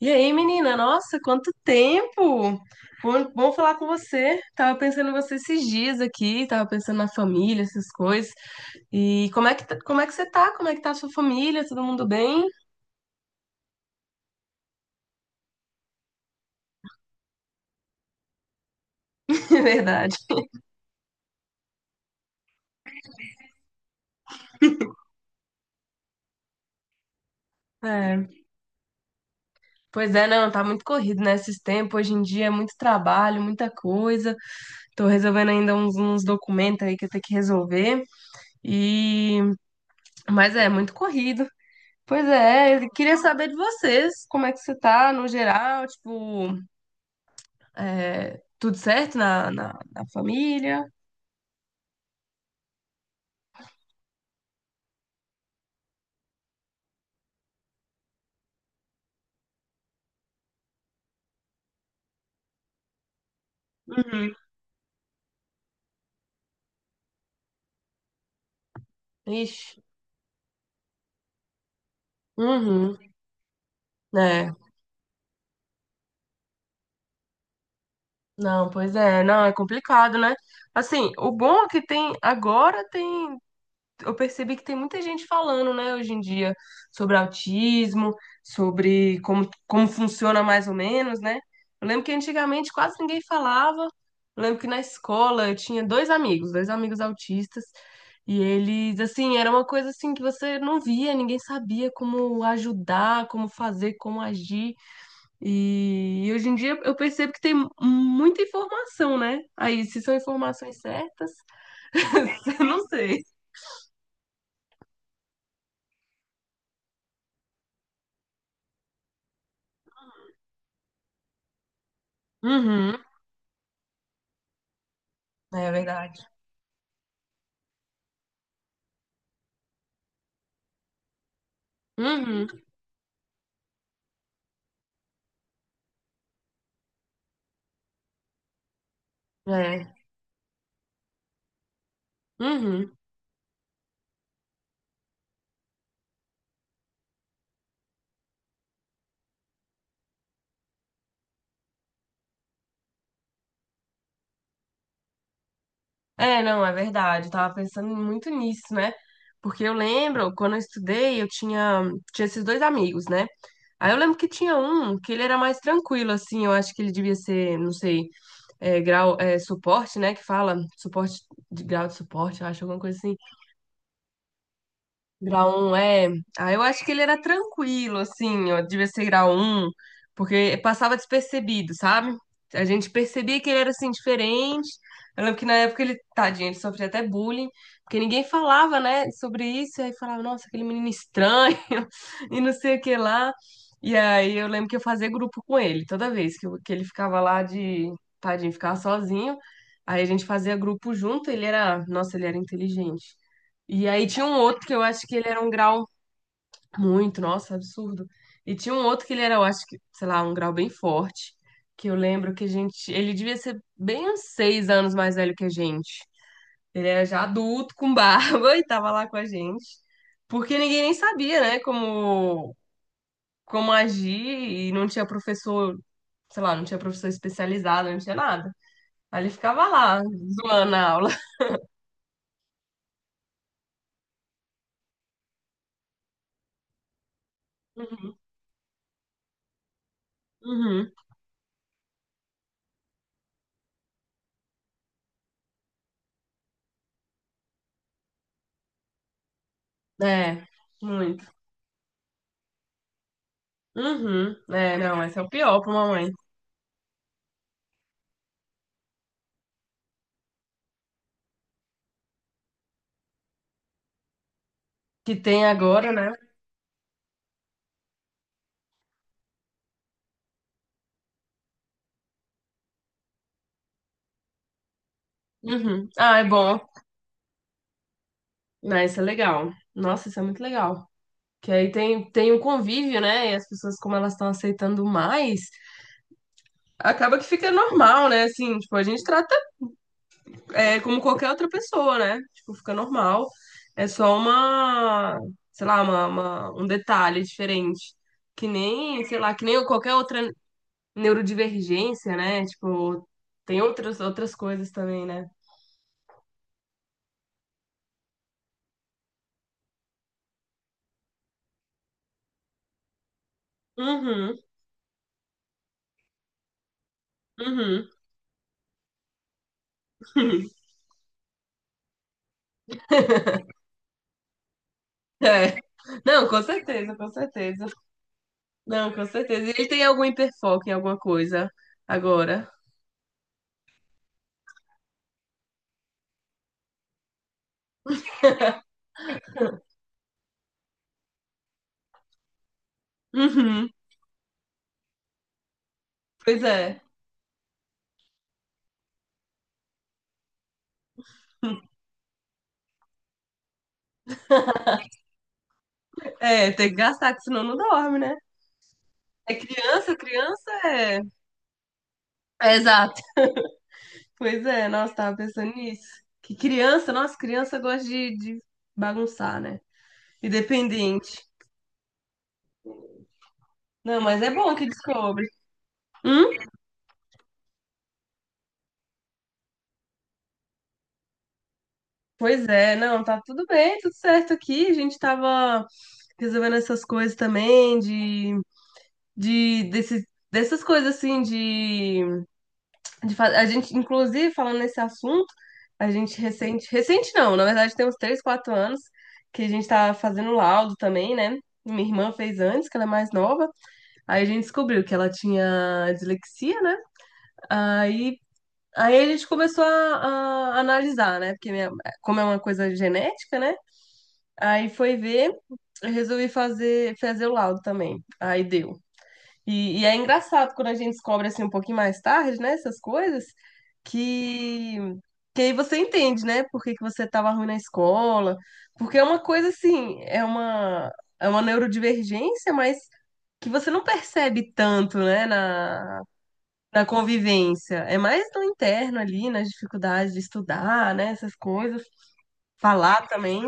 E aí, menina? Nossa, quanto tempo! Bom, bom falar com você. Tava pensando em você esses dias aqui, tava pensando na família, essas coisas. E como é que, tá- como é que você tá? Como é que tá a sua família? Todo mundo bem? É verdade. É. Pois é, não, tá muito corrido, né, esses tempos. Hoje em dia é muito trabalho, muita coisa. Tô resolvendo ainda uns documentos aí que eu tenho que resolver. E... Mas é, muito corrido. Pois é, eu queria saber de vocês, como é que você tá no geral, tipo... É, tudo certo na família? Uhum. Ixi. Uhum. É. Não, pois é. Não, é complicado, né? Assim, o bom é que tem agora tem eu percebi que tem muita gente falando, né, hoje em dia, sobre autismo, sobre como, como funciona mais ou menos, né? Eu lembro que antigamente quase ninguém falava. Eu lembro que na escola eu tinha dois amigos autistas, e eles, assim, era uma coisa assim que você não via, ninguém sabia como ajudar, como fazer, como agir. E hoje em dia eu percebo que tem muita informação, né? Aí, se são informações certas, eu não sei. Uhum, é verdade. Uhum, é. Uhum. É, não, é verdade. Eu tava pensando muito nisso, né? Porque eu lembro, quando eu estudei, eu tinha, tinha esses dois amigos, né? Aí eu lembro que tinha um que ele era mais tranquilo, assim. Eu acho que ele devia ser, não sei, é, grau, é, suporte, né? Que fala suporte de grau de suporte, eu acho, alguma coisa assim. Grau 1 é. Ah, eu acho que ele era tranquilo, assim, ó, devia ser grau 1, porque passava despercebido, sabe? A gente percebia que ele era assim diferente. Eu lembro que na época ele, tadinho, ele sofria até bullying, porque ninguém falava, né, sobre isso, e aí falava, nossa, aquele menino estranho, e não sei o que lá. E aí eu lembro que eu fazia grupo com ele, toda vez que, que ele ficava lá de, tadinho, ficava sozinho. Aí a gente fazia grupo junto, ele era, nossa, ele era inteligente. E aí tinha um outro que eu acho que ele era um grau muito, nossa, absurdo. E tinha um outro que ele era, eu acho que, sei lá, um grau bem forte. Que eu lembro que a gente. Ele devia ser bem uns seis anos mais velho que a gente. Ele era já adulto, com barba, e tava lá com a gente. Porque ninguém nem sabia, né, como, como agir, e não tinha professor, sei lá, não tinha professor especializado, não tinha nada. Aí ele ficava lá, zoando a aula. Uhum. Uhum. É, muito. Uhum. É, não, esse é o pior pra mamãe. Que tem agora, né? Uhum. Ah, é bom. Não, isso é legal. Nossa, isso é muito legal. Que aí tem, tem um convívio, né? E as pessoas, como elas estão aceitando mais, acaba que fica normal, né? Assim, tipo, a gente trata é, como qualquer outra pessoa, né? Tipo, fica normal. É só uma, sei lá, uma, um detalhe diferente. Que nem, sei lá, que nem qualquer outra neurodivergência, né? Tipo, tem outras, outras coisas também, né? Uhum, uhum. É. Não, com certeza, com certeza. Não, com certeza. Ele tem algum hiperfoco em alguma coisa agora. Uhum, pois é. É, tem que gastar, que senão não dorme, né? É criança, criança é. É exato. Pois é, nossa, tava pensando nisso. Que criança, nossa, criança gosta de bagunçar, né? Independente. Não, mas é bom que descobre. Hum? Pois é, não, tá tudo bem, tudo certo aqui. A gente tava resolvendo essas coisas também de desses, dessas coisas assim de, a gente inclusive falando nesse assunto, a gente recente, recente não, na verdade tem uns 3, 4 anos que a gente tá fazendo laudo também, né? Minha irmã fez antes, que ela é mais nova. Aí a gente descobriu que ela tinha dislexia, né? Aí Aí a gente começou a analisar, né? Porque como é uma coisa genética, né? Aí foi ver, eu resolvi fazer o laudo também. Aí deu. E é engraçado quando a gente descobre assim um pouquinho mais tarde, né, essas coisas, que, que aí você entende, né, por que que você estava ruim na escola, porque é uma coisa assim, é uma neurodivergência, mas que você não percebe tanto, né, na convivência. É mais no interno ali, nas dificuldades de estudar, né, essas coisas. Falar também.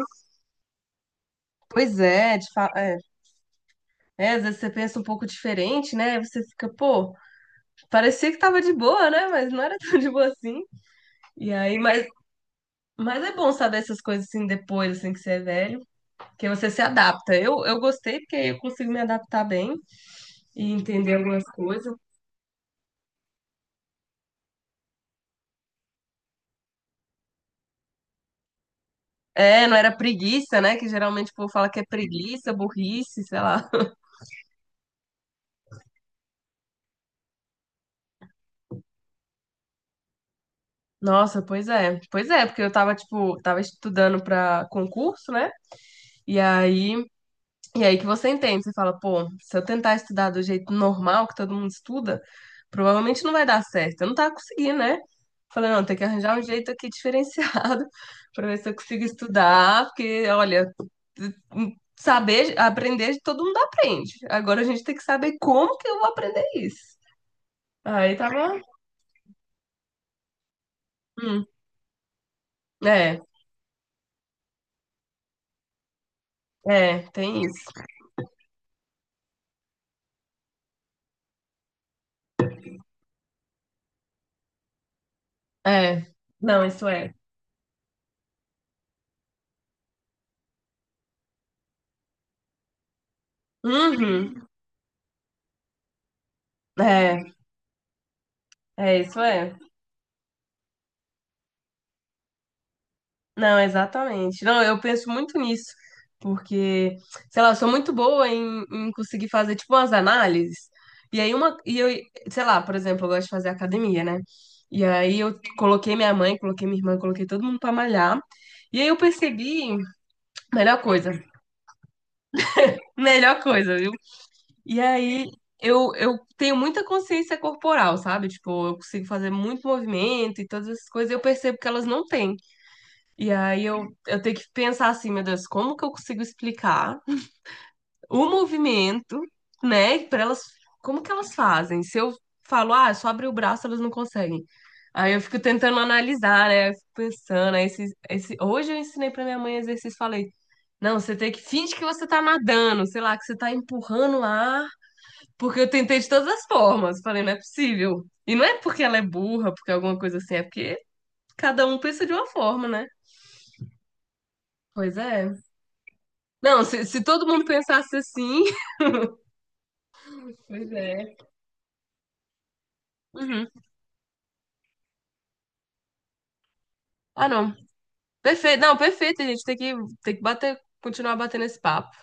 Pois é, é, é, às vezes você pensa um pouco diferente, né? Aí você fica, pô, parecia que tava de boa, né? Mas não era tão de boa assim. Mas mas é bom saber essas coisas assim depois, assim, que você é velho, que você se adapta. Eu gostei porque eu consigo me adaptar bem e entender algumas coisas. É, não era preguiça, né? Que geralmente o povo fala que é preguiça, burrice, sei lá. Nossa, pois é. Pois é, porque eu tava, tipo, tava estudando pra concurso, né? E aí E aí que você entende, você fala, pô, se eu tentar estudar do jeito normal que todo mundo estuda, provavelmente não vai dar certo. Eu não tava conseguindo, né? Falei, não, tem que arranjar um jeito aqui diferenciado pra ver se eu consigo estudar, porque, olha, saber, aprender, todo mundo aprende. Agora a gente tem que saber como que eu vou aprender isso. Aí tava, hum, é, é, tem isso. É, não, isso é. Uhum, é, é, isso é. Não, exatamente. Não, eu penso muito nisso, porque, sei lá, eu sou muito boa em, em conseguir fazer, tipo, umas análises. E aí, uma, e eu, sei lá, por exemplo, eu gosto de fazer academia, né? E aí, eu coloquei minha mãe, coloquei minha irmã, coloquei todo mundo pra malhar. E aí, eu percebi, melhor coisa, melhor coisa, viu? E aí, eu tenho muita consciência corporal, sabe? Tipo, eu consigo fazer muito movimento e todas essas coisas, eu percebo que elas não têm. E aí eu tenho que pensar assim, meu Deus, como que eu consigo explicar o movimento, né? Para elas, como que elas fazem? Se eu falo, ah, é só abrir o braço, elas não conseguem. Aí eu fico tentando analisar, né? Eu fico pensando, aí hoje eu ensinei para minha mãe exercício, falei, não, você tem que finge que você tá nadando, sei lá, que você tá empurrando o ar, porque eu tentei de todas as formas. Falei, não é possível. E não é porque ela é burra, porque alguma coisa assim, é porque cada um pensa de uma forma, né? Pois é, não, se todo mundo pensasse assim. Pois é. Uhum. Ah, não. Perfeito. Não, perfeito, a gente. Tem que bater, continuar batendo esse papo.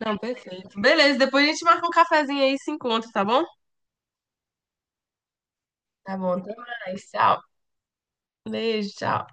Não, perfeito. Beleza, depois a gente marca um cafezinho aí e se encontra, tá bom? Tá bom, até mais. Tchau. Beijo, tchau.